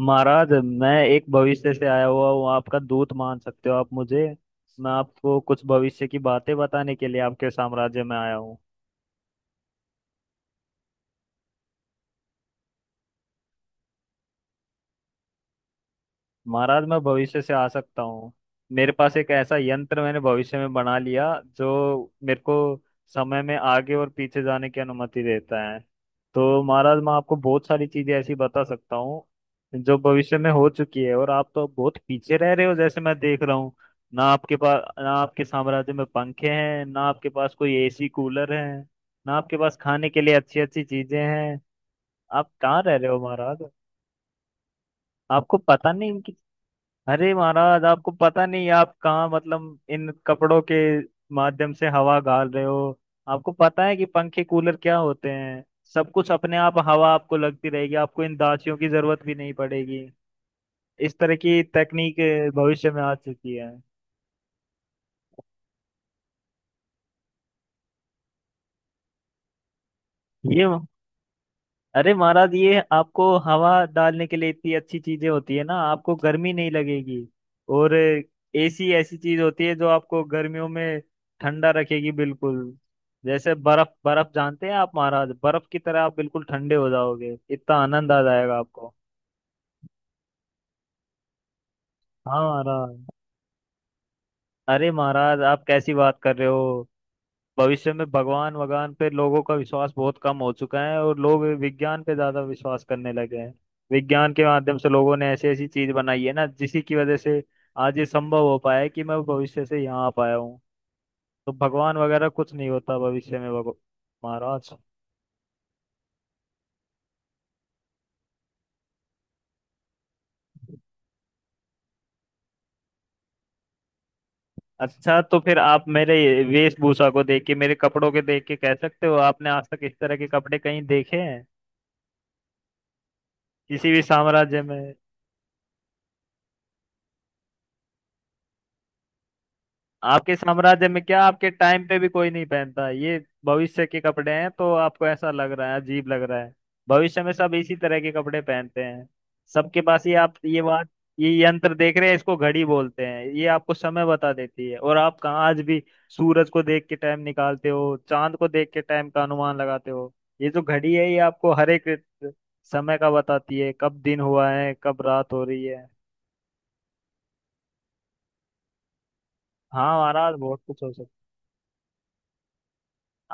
महाराज मैं एक भविष्य से आया हुआ हूँ। आपका दूत मान सकते हो आप मुझे। मैं आपको कुछ भविष्य की बातें बताने के लिए आपके साम्राज्य में आया हूँ। महाराज मैं भविष्य से आ सकता हूँ। मेरे पास एक ऐसा यंत्र मैंने भविष्य में बना लिया जो मेरे को समय में आगे और पीछे जाने की अनुमति देता है। तो महाराज मैं आपको बहुत सारी चीजें ऐसी बता सकता हूँ जो भविष्य में हो चुकी है। और आप तो बहुत पीछे रह रहे हो जैसे मैं देख रहा हूँ। ना आपके पास ना आपके साम्राज्य में पंखे हैं, ना आपके पास कोई एसी कूलर है, ना आपके पास खाने के लिए अच्छी अच्छी चीजें हैं। आप कहाँ रह रहे हो महाराज। आपको पता नहीं। अरे महाराज आपको पता नहीं आप कहाँ, मतलब इन कपड़ों के माध्यम से हवा गाल रहे हो। आपको पता है कि पंखे कूलर क्या होते हैं। सब कुछ अपने आप हवा आपको लगती रहेगी, आपको इन दासियों की जरूरत भी नहीं पड़ेगी। इस तरह की तकनीक भविष्य में आ चुकी है। ये अरे महाराज ये आपको हवा डालने के लिए इतनी अच्छी चीजें होती है ना, आपको गर्मी नहीं लगेगी। और एसी ऐसी चीज होती है जो आपको गर्मियों में ठंडा रखेगी बिल्कुल। जैसे बर्फ, बर्फ जानते हैं आप महाराज, बर्फ की तरह आप बिल्कुल ठंडे हो जाओगे, इतना आनंद आ जाएगा आपको। हाँ महाराज। अरे महाराज आप कैसी बात कर रहे हो। भविष्य में भगवान वगवान पे लोगों का विश्वास बहुत कम हो चुका है और लोग विज्ञान पे ज्यादा विश्वास करने लगे हैं। विज्ञान के माध्यम से लोगों ने ऐसी ऐसी चीज बनाई है ना जिसी की वजह से आज ये संभव हो पाया है कि मैं भविष्य से यहाँ आ पाया हूँ। तो भगवान वगैरह कुछ नहीं होता भविष्य में। महाराज अच्छा तो फिर आप मेरे वेशभूषा को देख के, मेरे कपड़ों के देख के कह सकते हो, आपने आज तक इस तरह के कपड़े कहीं देखे हैं किसी भी साम्राज्य में? आपके साम्राज्य में क्या आपके टाइम पे भी कोई नहीं पहनता है। ये भविष्य के कपड़े हैं, तो आपको ऐसा लग रहा है, अजीब लग रहा है। भविष्य में सब इसी तरह के कपड़े पहनते हैं। सबके पास ये आप ये बात, ये यंत्र देख रहे हैं, इसको घड़ी बोलते हैं। ये आपको समय बता देती है। और आप कहाँ आज भी सूरज को देख के टाइम निकालते हो, चांद को देख के टाइम का अनुमान लगाते हो। ये जो घड़ी है ये आपको हर एक समय का बताती है, कब दिन हुआ है, कब रात हो रही है। हाँ महाराज बहुत कुछ हो।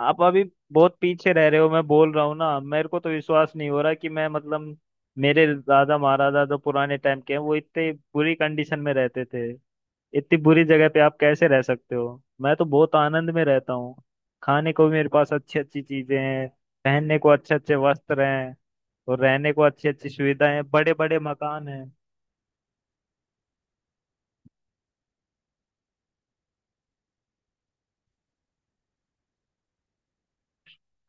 आप अभी बहुत पीछे रह रहे हो, मैं बोल रहा हूँ ना। मेरे को तो विश्वास नहीं हो रहा कि मैं, मतलब मेरे दादा महाराजा जो पुराने टाइम के हैं, वो इतने बुरी कंडीशन में रहते थे। इतनी बुरी जगह पे आप कैसे रह सकते हो। मैं तो बहुत आनंद में रहता हूँ। खाने को भी मेरे पास अच्छी अच्छी चीजें हैं, पहनने को अच्छे अच्छे वस्त्र हैं, और रहने को अच्छी अच्छी सुविधाएं हैं, बड़े बड़े मकान हैं।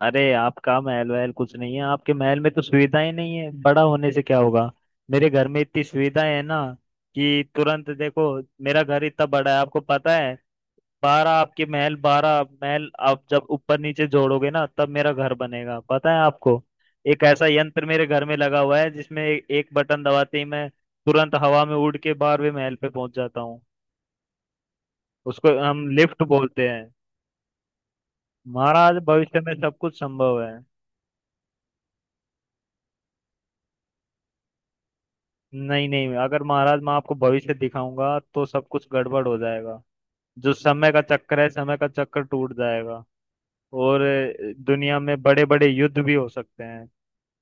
अरे आपका महल वहल कुछ नहीं है। आपके महल में तो सुविधाएं नहीं है, बड़ा होने से क्या होगा। मेरे घर में इतनी सुविधाएं है ना कि तुरंत देखो, मेरा घर इतना बड़ा है आपको पता है। बारह आपके महल, बारह महल आप जब ऊपर नीचे जोड़ोगे ना, तब मेरा घर बनेगा, पता है आपको। एक ऐसा यंत्र मेरे घर में लगा हुआ है जिसमें एक बटन दबाते ही मैं तुरंत हवा में उड़ के बारहवें महल पे पहुंच जाता हूँ। उसको हम लिफ्ट बोलते हैं। महाराज भविष्य में सब कुछ संभव है। नहीं नहीं, अगर महाराज मैं आपको भविष्य दिखाऊंगा तो सब कुछ गड़बड़ हो जाएगा। जो समय का चक्कर है, समय का चक्कर टूट जाएगा और दुनिया में बड़े बड़े युद्ध भी हो सकते हैं।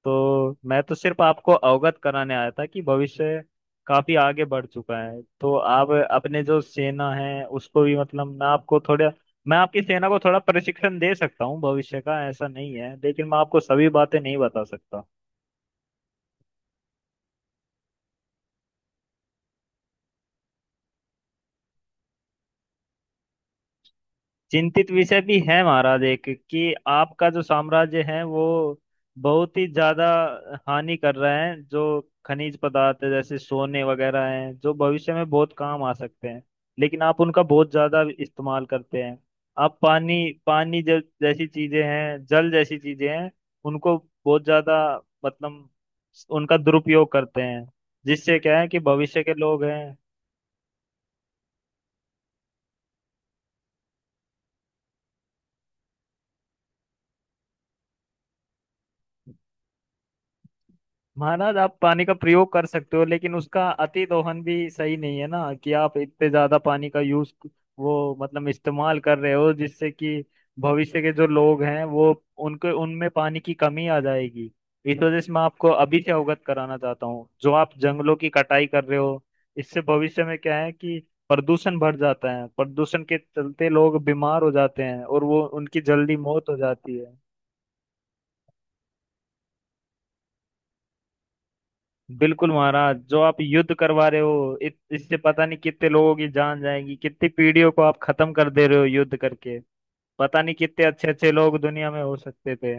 तो मैं तो सिर्फ आपको अवगत कराने आया था कि भविष्य काफी आगे बढ़ चुका है। तो आप अपने जो सेना है उसको भी, मतलब मैं आपको थोड़ा, मैं आपकी सेना को थोड़ा प्रशिक्षण दे सकता हूँ भविष्य का, ऐसा नहीं है लेकिन मैं आपको सभी बातें नहीं बता सकता। चिंतित विषय भी है महाराज एक, कि आपका जो साम्राज्य है वो बहुत ही ज्यादा हानि कर रहा है। जो खनिज पदार्थ है, जैसे सोने वगैरह हैं, जो भविष्य में बहुत काम आ सकते हैं, लेकिन आप उनका बहुत ज्यादा इस्तेमाल करते हैं। आप पानी, पानी जो जैसी चीजें हैं, जल जैसी चीजें हैं, उनको बहुत ज्यादा, मतलब उनका दुरुपयोग करते हैं। जिससे क्या है कि भविष्य के लोग हैं। महाराज आप पानी का प्रयोग कर सकते हो, लेकिन उसका अति दोहन भी सही नहीं है ना। कि आप इतने ज्यादा पानी का यूज, वो मतलब इस्तेमाल कर रहे हो जिससे कि भविष्य के जो लोग हैं वो, उनके उनमें पानी की कमी आ जाएगी। इस वजह से मैं आपको अभी से अवगत कराना चाहता हूँ। जो आप जंगलों की कटाई कर रहे हो, इससे भविष्य में क्या है कि प्रदूषण बढ़ जाता है। प्रदूषण के चलते लोग बीमार हो जाते हैं और वो उनकी जल्दी मौत हो जाती है। बिल्कुल महाराज, जो आप युद्ध करवा रहे हो, इससे पता नहीं कितने लोगों की जान जाएगी, कितनी पीढ़ियों को आप खत्म कर दे रहे हो युद्ध करके। पता नहीं कितने अच्छे अच्छे लोग दुनिया में हो सकते थे।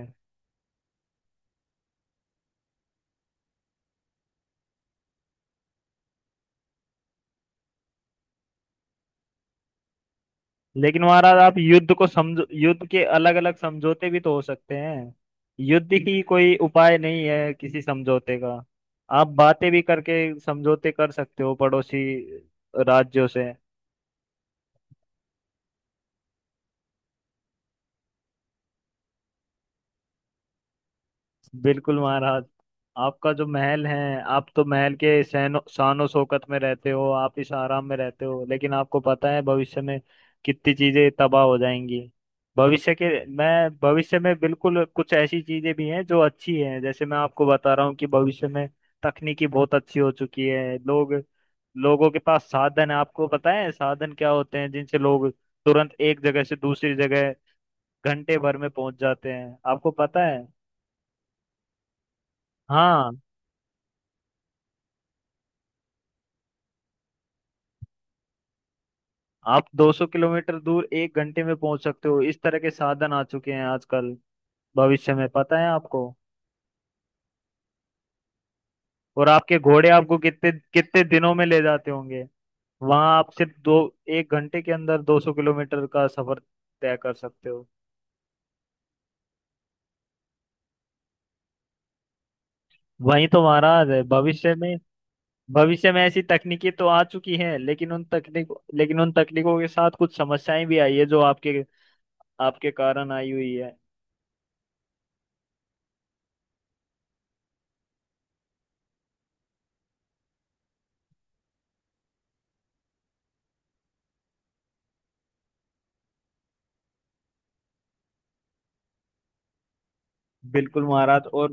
लेकिन महाराज आप युद्ध को समझो, युद्ध के अलग अलग समझौते भी तो हो सकते हैं। युद्ध ही कोई उपाय नहीं है किसी समझौते का। आप बातें भी करके समझौते कर सकते हो पड़ोसी राज्यों से। बिल्कुल महाराज, आपका जो महल है, आप तो महल के सैनो शानो शौकत में रहते हो, आप इस आराम में रहते हो, लेकिन आपको पता है भविष्य में कितनी चीजें तबाह हो जाएंगी। भविष्य के, मैं भविष्य में बिल्कुल कुछ ऐसी चीजें भी हैं जो अच्छी हैं, जैसे मैं आपको बता रहा हूँ कि भविष्य में तकनीकी बहुत अच्छी हो चुकी है। लोग, लोगों के पास साधन है। आपको पता है साधन क्या होते हैं, जिनसे लोग तुरंत एक जगह से दूसरी जगह घंटे भर में पहुंच जाते हैं, आपको पता है। हाँ, आप 200 किलोमीटर दूर एक घंटे में पहुंच सकते हो। इस तरह के साधन आ चुके हैं आजकल भविष्य में, पता है आपको। और आपके घोड़े आपको कितने कितने दिनों में ले जाते होंगे। वहां आप सिर्फ दो, एक घंटे के अंदर 200 किलोमीटर का सफर तय कर सकते हो। वही तो महाराज है भविष्य में। भविष्य में ऐसी तकनीकी तो आ चुकी हैं, लेकिन उन तकनीक, लेकिन उन तकनीकों के साथ कुछ समस्याएं भी आई है जो आपके, आपके कारण आई हुई है। बिल्कुल महाराज। और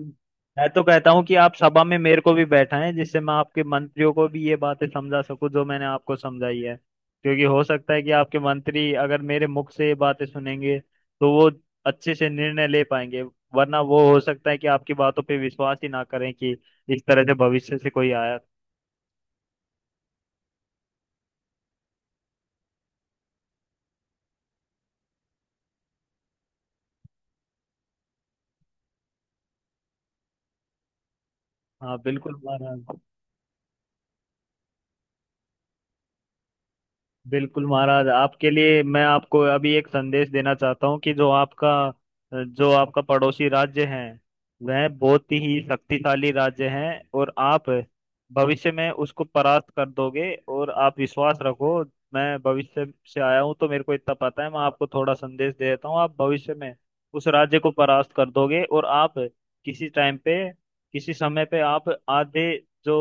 मैं तो कहता हूँ कि आप सभा में मेरे को भी बैठाएं, जिससे मैं आपके मंत्रियों को भी ये बातें समझा सकूं जो मैंने आपको समझाई है। क्योंकि हो सकता है कि आपके मंत्री अगर मेरे मुख से ये बातें सुनेंगे तो वो अच्छे से निर्णय ले पाएंगे। वरना वो हो सकता है कि आपकी बातों पे विश्वास ही ना करें कि इस तरह से भविष्य से कोई आया। हाँ बिल्कुल महाराज। बिल्कुल महाराज, आपके लिए मैं आपको अभी एक संदेश देना चाहता हूँ कि जो आपका, जो आपका पड़ोसी राज्य है, वह बहुत ही शक्तिशाली राज्य है, और आप भविष्य में उसको परास्त कर दोगे। और आप विश्वास रखो, मैं भविष्य से आया हूँ तो मेरे को इतना पता है। मैं आपको थोड़ा संदेश दे देता हूँ, आप भविष्य में उस राज्य को परास्त कर दोगे। और आप किसी टाइम पे, किसी समय पे आप आधे, जो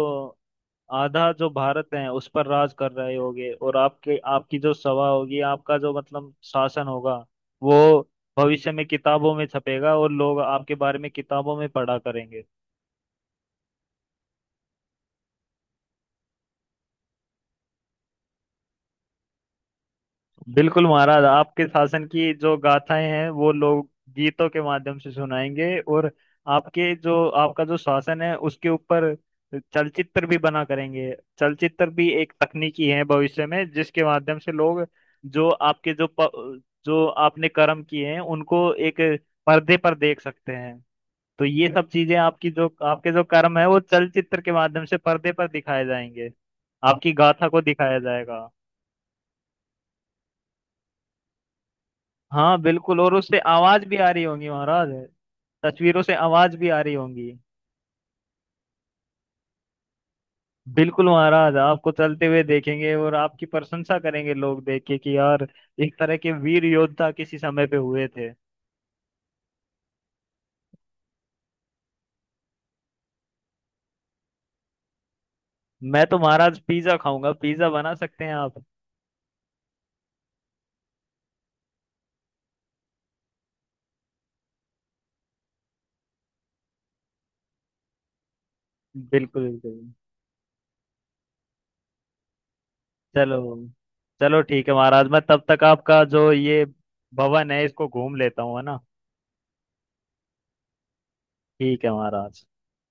आधा जो भारत है उस पर राज कर रहे होगे। और आपके, आपकी जो सभा होगी, आपका जो मतलब शासन होगा, वो भविष्य में किताबों में छपेगा और लोग आपके बारे में किताबों में पढ़ा करेंगे। बिल्कुल महाराज, आपके शासन की जो गाथाएं हैं वो लोग गीतों के माध्यम से सुनाएंगे। और आपके जो, आपका जो शासन है उसके ऊपर चलचित्र भी बना करेंगे। चलचित्र भी एक तकनीकी है भविष्य में, जिसके माध्यम से लोग जो आपके जो आपने कर्म किए हैं उनको एक पर्दे पर देख सकते हैं। तो ये सब चीजें आपकी जो, आपके जो कर्म है वो चलचित्र के माध्यम से पर्दे पर दिखाए जाएंगे। आपकी गाथा को दिखाया जाएगा। हाँ बिल्कुल, और उससे आवाज भी आ रही होंगी महाराज। तस्वीरों से आवाज भी आ रही होंगी। बिल्कुल महाराज, आपको चलते हुए देखेंगे और आपकी प्रशंसा करेंगे लोग, देख के कि यार एक तरह के वीर योद्धा किसी समय पे हुए थे। मैं तो महाराज पिज्जा खाऊंगा, पिज्जा बना सकते हैं आप। बिल्कुल बिल्कुल। चलो, चलो ठीक है महाराज, मैं तब तक आपका जो ये भवन है इसको घूम लेता हूँ, है ना। ठीक है महाराज।